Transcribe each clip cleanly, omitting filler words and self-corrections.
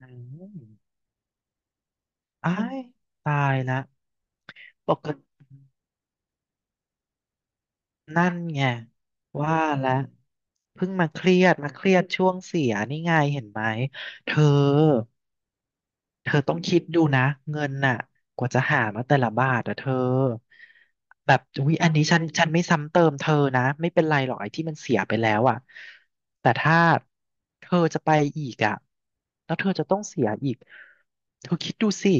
อืมอ้ายตายละปกตินั่นไงว่าแล้วเพิ่งมาเครียดช่วงเสียนี่ไงเห็นไหมเธอต้องคิดดูนะเงินน่ะกว่าจะหามาแต่ละบาทอะเธอแบบอุ๊ยอันนี้ฉันไม่ซ้ำเติมเธอนะไม่เป็นไรหรอกไอ้ที่มันเสียไปแล้วอะแต่ถ้าเธอจะไปอีกอะแล้วเธอจะต้องเสียอีกเธอคิดดูสิ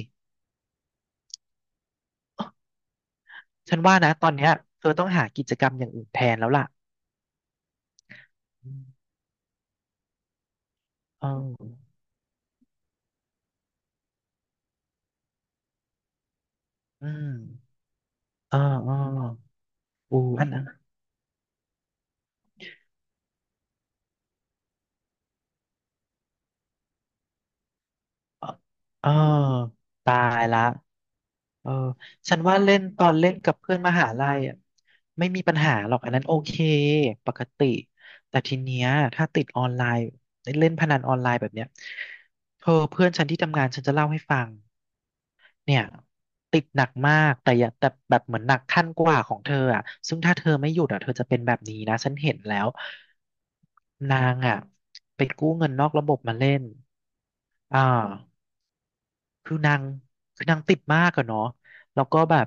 ฉันว่านะตอนเนี้ยเธอต้องหากิจกรรมอย่างอื่นแทนแล้วล่ะอืมเอออืมเออเอออันนั้นเอออตายละเออฉันว่าเล่นตอนเล่นกับเพื่อนมหาลัยอ่ะไม่มีปัญหาหรอกอันนั้นโอเคปกติแต่ทีเนี้ยถ้าติดออนไลน์เล่นพนันออนไลน์แบบเนี้ยเธอเพื่อนฉันที่ทำงานฉันจะเล่าให้ฟัง เนี่ยติดหนักมากแต่อย่าแต่แบบเหมือนหนักขั้นกว่าของเธออ่ะซึ่งถ้าเธอไม่หยุดอ่ะเธอจะเป็นแบบนี้นะฉันเห็นแล้วนางอ่ะไปกู้เงินนอกระบบมาเล่นอ่า คือนางคือนางติดมากอะเนาะแล้วก็แบบ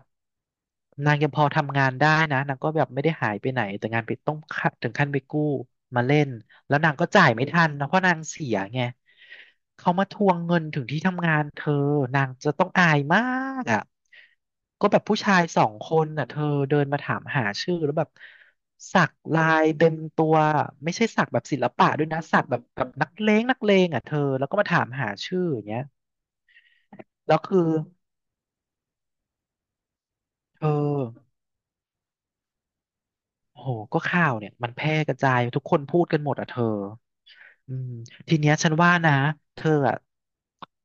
นางยังพอทำงานได้นะนางก็แบบไม่ได้หายไปไหนแต่งานไปต้องขั้นถึงขั้นไปกู้มาเล่นแล้วนางก็จ่ายไม่ทันนะเพราะนางเสียไงเขามาทวงเงินถึงที่ทำงานเธอนางจะต้องอายมากอ่ะก็แบบผู้ชายสองคนน่ะเธอเดินมาถามหาชื่อแล้วแบบสักลายเต็มตัวไม่ใช่สักแบบศิลปะด้วยนะสักแบบนักเลงอ่ะเธอแล้วก็มาถามหาชื่ออย่างเงี้ยแล้วคือ เธอโอ้โหก็ข่าวเนี่ยมันแพร่กระจายทุกคนพูดกันหมดอ่ะเธออืมทีเนี้ยฉันว่านะเธออ่ะ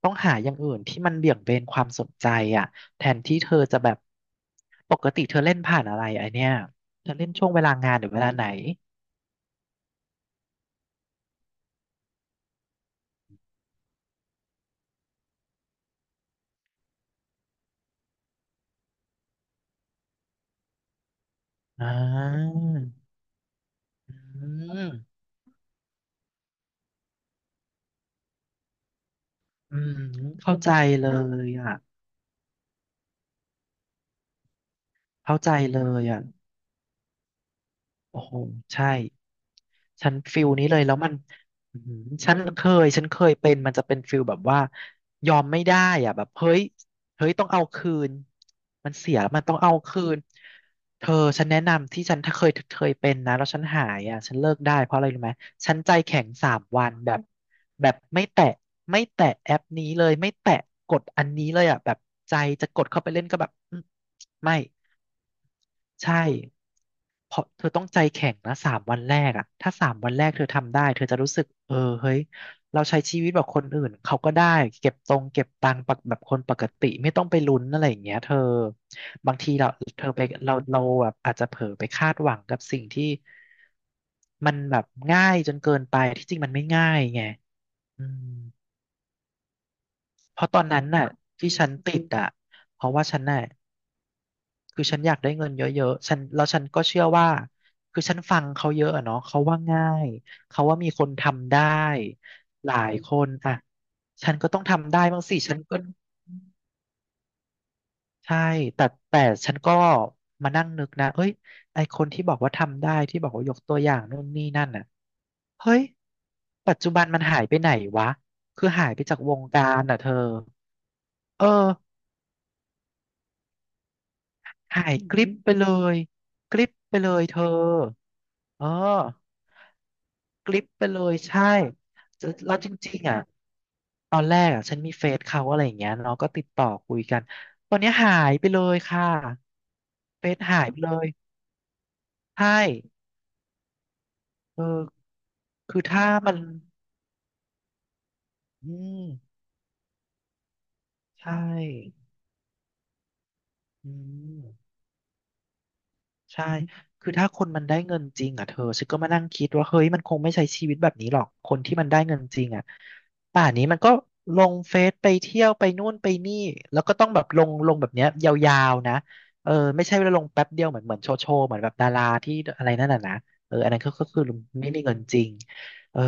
ต้องหาอย่างอื่นที่มันเบี่ยงเบนความสนใจอ่ะแทนที่เธอจะแบบปกติเธอเล่นผ่านอะไรไอเนี้ยเธอเล่นช่วงเวลางานหรือเวลาไหนอ่าอืมอืมเข้าใจเลยอ่ะเข้าใจเลยอ่ะโอ้โหใช่ ฉันฟิลนี้เลยแล้วมันอื้อหือฉันเคยเป็นมันจะเป็นฟิลแบบว่ายอมไม่ได้อ่ะแบบเฮ้ยต้องเอาคืนมันเสียแล้วมันต้องเอาคืนเธอฉันแนะนำที่ฉันเคยเป็นนะแล้วฉันหายอ่ะฉันเลิกได้เพราะอะไรรู้ไหมฉันใจแข็งสามวันแบบแบบไม่แตะแอปนี้เลยไม่แตะกดอันนี้เลยอ่ะแบบใจจะกดเข้าไปเล่นก็แบบไม่ ใช่เพราะเธอต้องใจแข็งนะสามวันแรกอะถ้าสามวันแรกเธอทำได้เธอจะรู้สึกเออเฮ้ยเราใช้ชีวิตแบบคนอื่นเขาก็ได้เก็บตังค์ปกแบบคนปกติไม่ต้องไปลุ้นอะไรอย่างเงี้ยเธอบางทีเราเธอไปเราแบบอาจจะเผลอไปคาดหวังกับสิ่งที่มันแบบง่ายจนเกินไปที่จริงมันไม่ง่ายไงอืมเพราะตอนนั้นน่ะที่ฉันติดอ่ะเพราะว่าฉันน่ะ คือฉันอยากได้เงินเยอะๆฉันแล้วฉันก็เชื่อว่าคือฉันฟังเขาเยอะอะเนาะเขาว่าง่ายเขาว่ามีคนทำได้หลายคนอ่ะฉันก็ต้องทำได้บ้างสิฉันก็ใช่แต่แต่ฉันก็มานั่งนึกนะเอ้ยไอคนที่บอกว่าทำได้ที่บอกว่ายกตัวอย่างนู่นนี่นั่นอ่ะเฮ้ยปัจจุบันมันหายไปไหนวะคือหายไปจากวงการอ่ะเธอเออหายกริบไปเลยกริบไปเลยเธอเออ กลิปไปเลยใช่จะแล้วจริงๆอ่ะตอนแรกอ่ะฉันมีเฟซเขาอะไรอย่างเงี้ยเราก็ติดต่อคุยกันตอนเนี้ยหายไปเลยค่ะเฟซหายไปเลยใช่เออคือถ้ามันอืมใช่อืม ใช่คือถ้าคนมันได้เงินจริงอ่ะเธอฉันก็มานั่งคิดว่าเฮ้ยมันคงไม่ใช้ชีวิตแบบนี้หรอกคนที่มันได้เงินจริงอ่ะป่านนี้มันก็ลงเฟซไปเที่ยวไปนู่นไปนี่แล้วก็ต้องแบบลงแบบเนี้ยยาวๆนะเออไม่ใช่ว่าลงแป๊บเดียวเหมือนโชว์เหมือนแบบดาราที่อะไรนั่นน่ะนะเอออันนั้นก็คือไม่มีเงินจริงเออ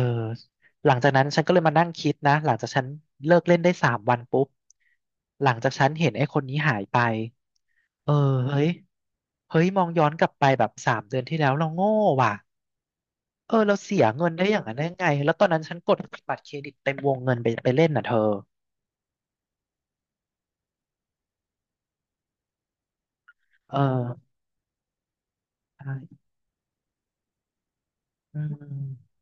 หลังจากนั้นฉันก็เลยมานั่งคิดนะหลังจากฉันเลิกเล่นได้สามวันปุ๊บหลังจากฉันเห็นไอ้คนนี้หายไปเออเฮ้ย เฮ้ยมองย้อนกลับไปแบบสามเดือนที่แล้วเราโง่ว่ะเออเราเสียเงินได้อย่างนั้นได้ไงแล้วตอนนั้นฉันกดบัตรเครดิตเต็มวงเงินไปเล่นน่ะเธอเออใช่อืม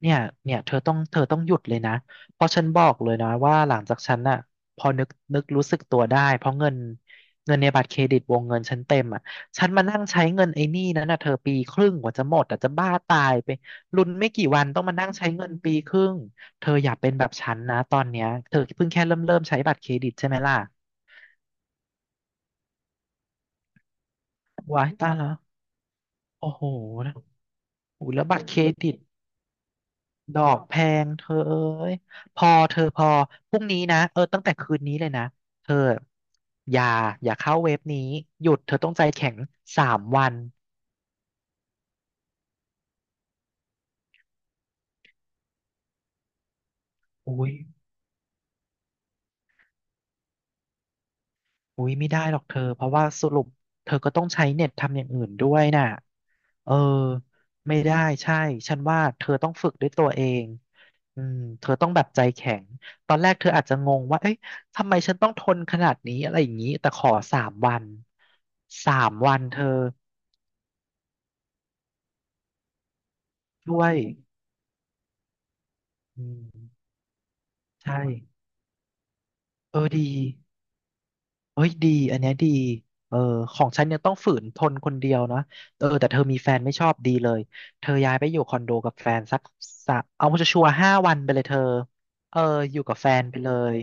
เนี่ยเนี่ยเธอต้องหยุดเลยนะเพราะฉันบอกเลยนะว่าหลังจากฉันน่ะพอนึกรู้สึกตัวได้เพราะเงินในบัตรเครดิตวงเงินฉันเต็มอ่ะฉันมานั่งใช้เงินไอ้หนี่นั้นน่ะเธอปีครึ่งกว่าจะหมดอ่ะจะบ้าตายไปลุ้นไม่กี่วันต้องมานั่งใช้เงินปีครึ่งเธออย่าเป็นแบบฉันนะตอนเนี้ยเธอเพิ่งแค่เริ่มใช้บัตรเครดิตใช่ไหมล่ะว้ายตายแล้วโอ้โหนะโอ้โหแล้วบัตรเครดิต ดอกแพงเธอเอ้ยพอเธอพอพรุ่งนี้นะเออตั้งแต่คืนนี้เลยนะเธออย่าอย่าเข้าเว็บนี้หยุดเธอต้องใจแข็งสามวันอุ้ยอุ้ยไม่ได้หรอกเธอเพราะว่าสรุปเธอก็ต้องใช้เน็ตทำอย่างอื่นด้วยน่ะเออไม่ได้ใช่ฉันว่าเธอต้องฝึกด้วยตัวเองอืมเธอต้องแบบใจแข็งตอนแรกเธออาจจะงงว่าเอ๊ะทำไมฉันต้องทนขนาดนี้อะไรอย่างนี้แต่ขอสามวันสามวันเธอ ด้วยอืมใช่เออดีเอ้ยดีอันเนี้ยดีเออของฉันเนี่ยต้องฝืนทนคนเดียวนะเออแต่เธอมีแฟนไม่ชอบดีเลยเธอย้ายไปอยู่คอนโดกับแฟนสักสะเอาชัวร์ๆ5 วันไปเลยเธอเอออยู่กับแฟนไปเลย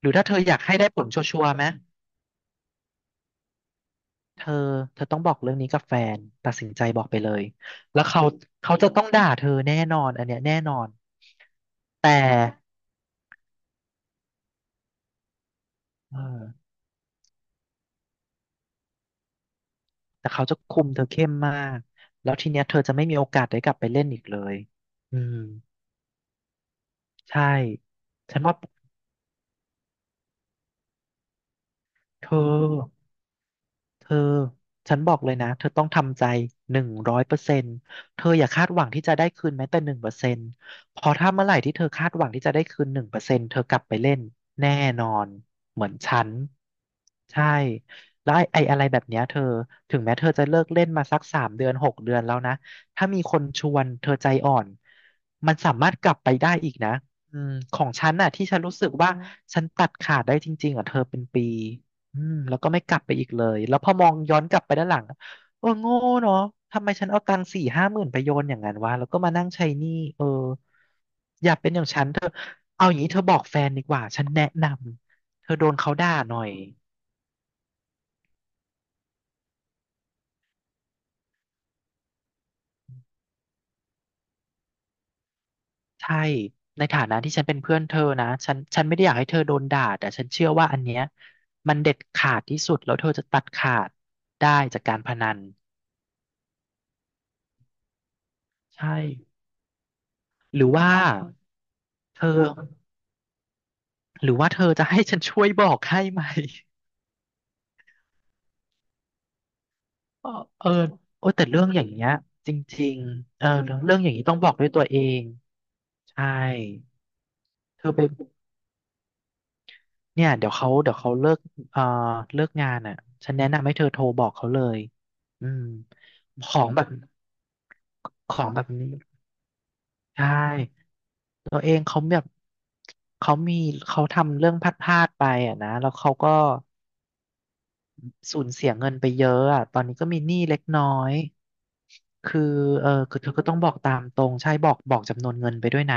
หรือถ้าเธออยากให้ได้ผลชัวร์ๆไหมเธอเธอต้องบอกเรื่องนี้กับแฟนตัดสินใจบอกไปเลยแล้วเขาเขาจะต้องด่าเธอแน่นอนอันเนี้ยแน่นอนแต่เออ แต่เขาจะคุมเธอเข้มมาก แล้วทีเนี้ยเธอจะไม่มีโอกาสได้กลับไปเล่นอีกเลยอืมใช่ ฉันว่าเธอ เธอฉันบอกเลยนะเธอต้องทำใจ100%เธออย่าคาดหวังที่จะได้คืนแม้แต่หนึ่งเปอร์เซ็นต์พอถ้าเมื่อไหร่ที่เธอคาดหวังที่จะได้คืนหนึ่งเปอร์เซ็นต์เธอกลับไปเล่นแน่นอนเหมือนฉันใช่แล้วไอ้อะไรแบบเนี้ยเธอถึงแม้เธอจะเลิกเล่นมาสัก3 เดือน6 เดือนแล้วนะถ้ามีคนชวนเธอใจอ่อนมันสามารถกลับไปได้อีกนะอืมของฉันน่ะที่ฉันรู้สึกว่าฉันตัดขาดได้จริงๆอ่ะเธอเป็นปี อืมแล้วก็ไม่กลับไปอีกเลย แล้วพอมองย้อนกลับไปด้านหลังเออโง่เนาะทำไมฉันเอาตังค์สี่ห้าหมื่นไปโยนอย่างนั้นวะแล้วก็มานั่งใช้หนี้เอออย่าเป็นอย่างฉันเธอเอาอย่างนี้เธอบอกแฟนดีกว่าฉันแนะนำเธอโดนเขาด่าหน่อยใช่ในฐานะที่ฉันเป็นเพื่อนเธอนะฉันไม่ได้อยากให้เธอโดนด่าแต่ฉันเชื่อว่าอันเนี้ยมันเด็ดขาดที่สุดแล้วเธอจะตัดขาดได้จากการพนันใช่หรือว่าเธอหรือว่าเธอจะให้ฉันช่วยบอกให้ไหม เออเออโอ้แต่เรื่องอย่างเงี้ยจริงๆเออเรื่องอย่างนี้ต้องบอกด้วยตัวเองใช่เธอไปเนี่ยเดี๋ยวเขาเอ่อเลิกงานอ่ะฉันแนะนำให้เธอโทรบอกเขาเลยอืมของแบบของแบบนี้ใช่ตัวเองเขาแบบเขามีเขาทำเรื่องพลาดๆไปอ่ะนะแล้วเขาก็สูญเสียเงินไปเยอะอ่ะตอนนี้ก็มีหนี้เล็กน้อยคือเออคือเธอก็ต้องบอกตามตรงใช่บอกจำนวนเงินไปด้วยนะ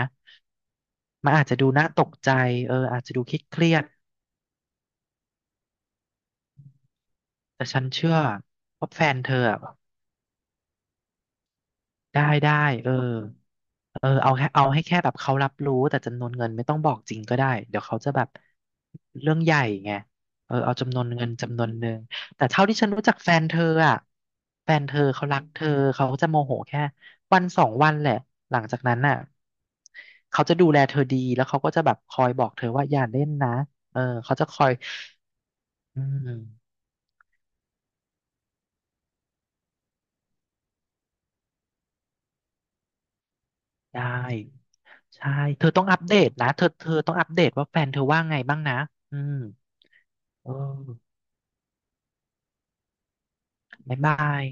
มันอาจจะดูน่าตกใจเอออาจจะดูเครียดๆแต่ฉันเชื่อว่าแฟนเธออะได้ได้เออเออเอาแค่เอาให้แค่แบบเขารับรู้แต่จำนวนเงินไม่ต้องบอกจริงก็ได้เดี๋ยวเขาจะแบบเรื่องใหญ่ไงเออเอาจำนวนเงินจำนวนหนึ่งแต่เท่าที่ฉันรู้จักแฟนเธออ่ะแฟนเธอเขารักเธอเขาจะโมโหแค่วันสองวันแหละหลังจากนั้นน่ะเขาจะดูแลเธอดีแล้วเขาก็จะแบบคอยบอกเธอว่าอย่าเล่นนะเออเขาจะคอยอืม ได้ใช่เธอต้องอัปเดตนะเธอต้องอัปเดตว่าแฟนเธอว่าไงบ้างนะอืมเออบ๊ายบาย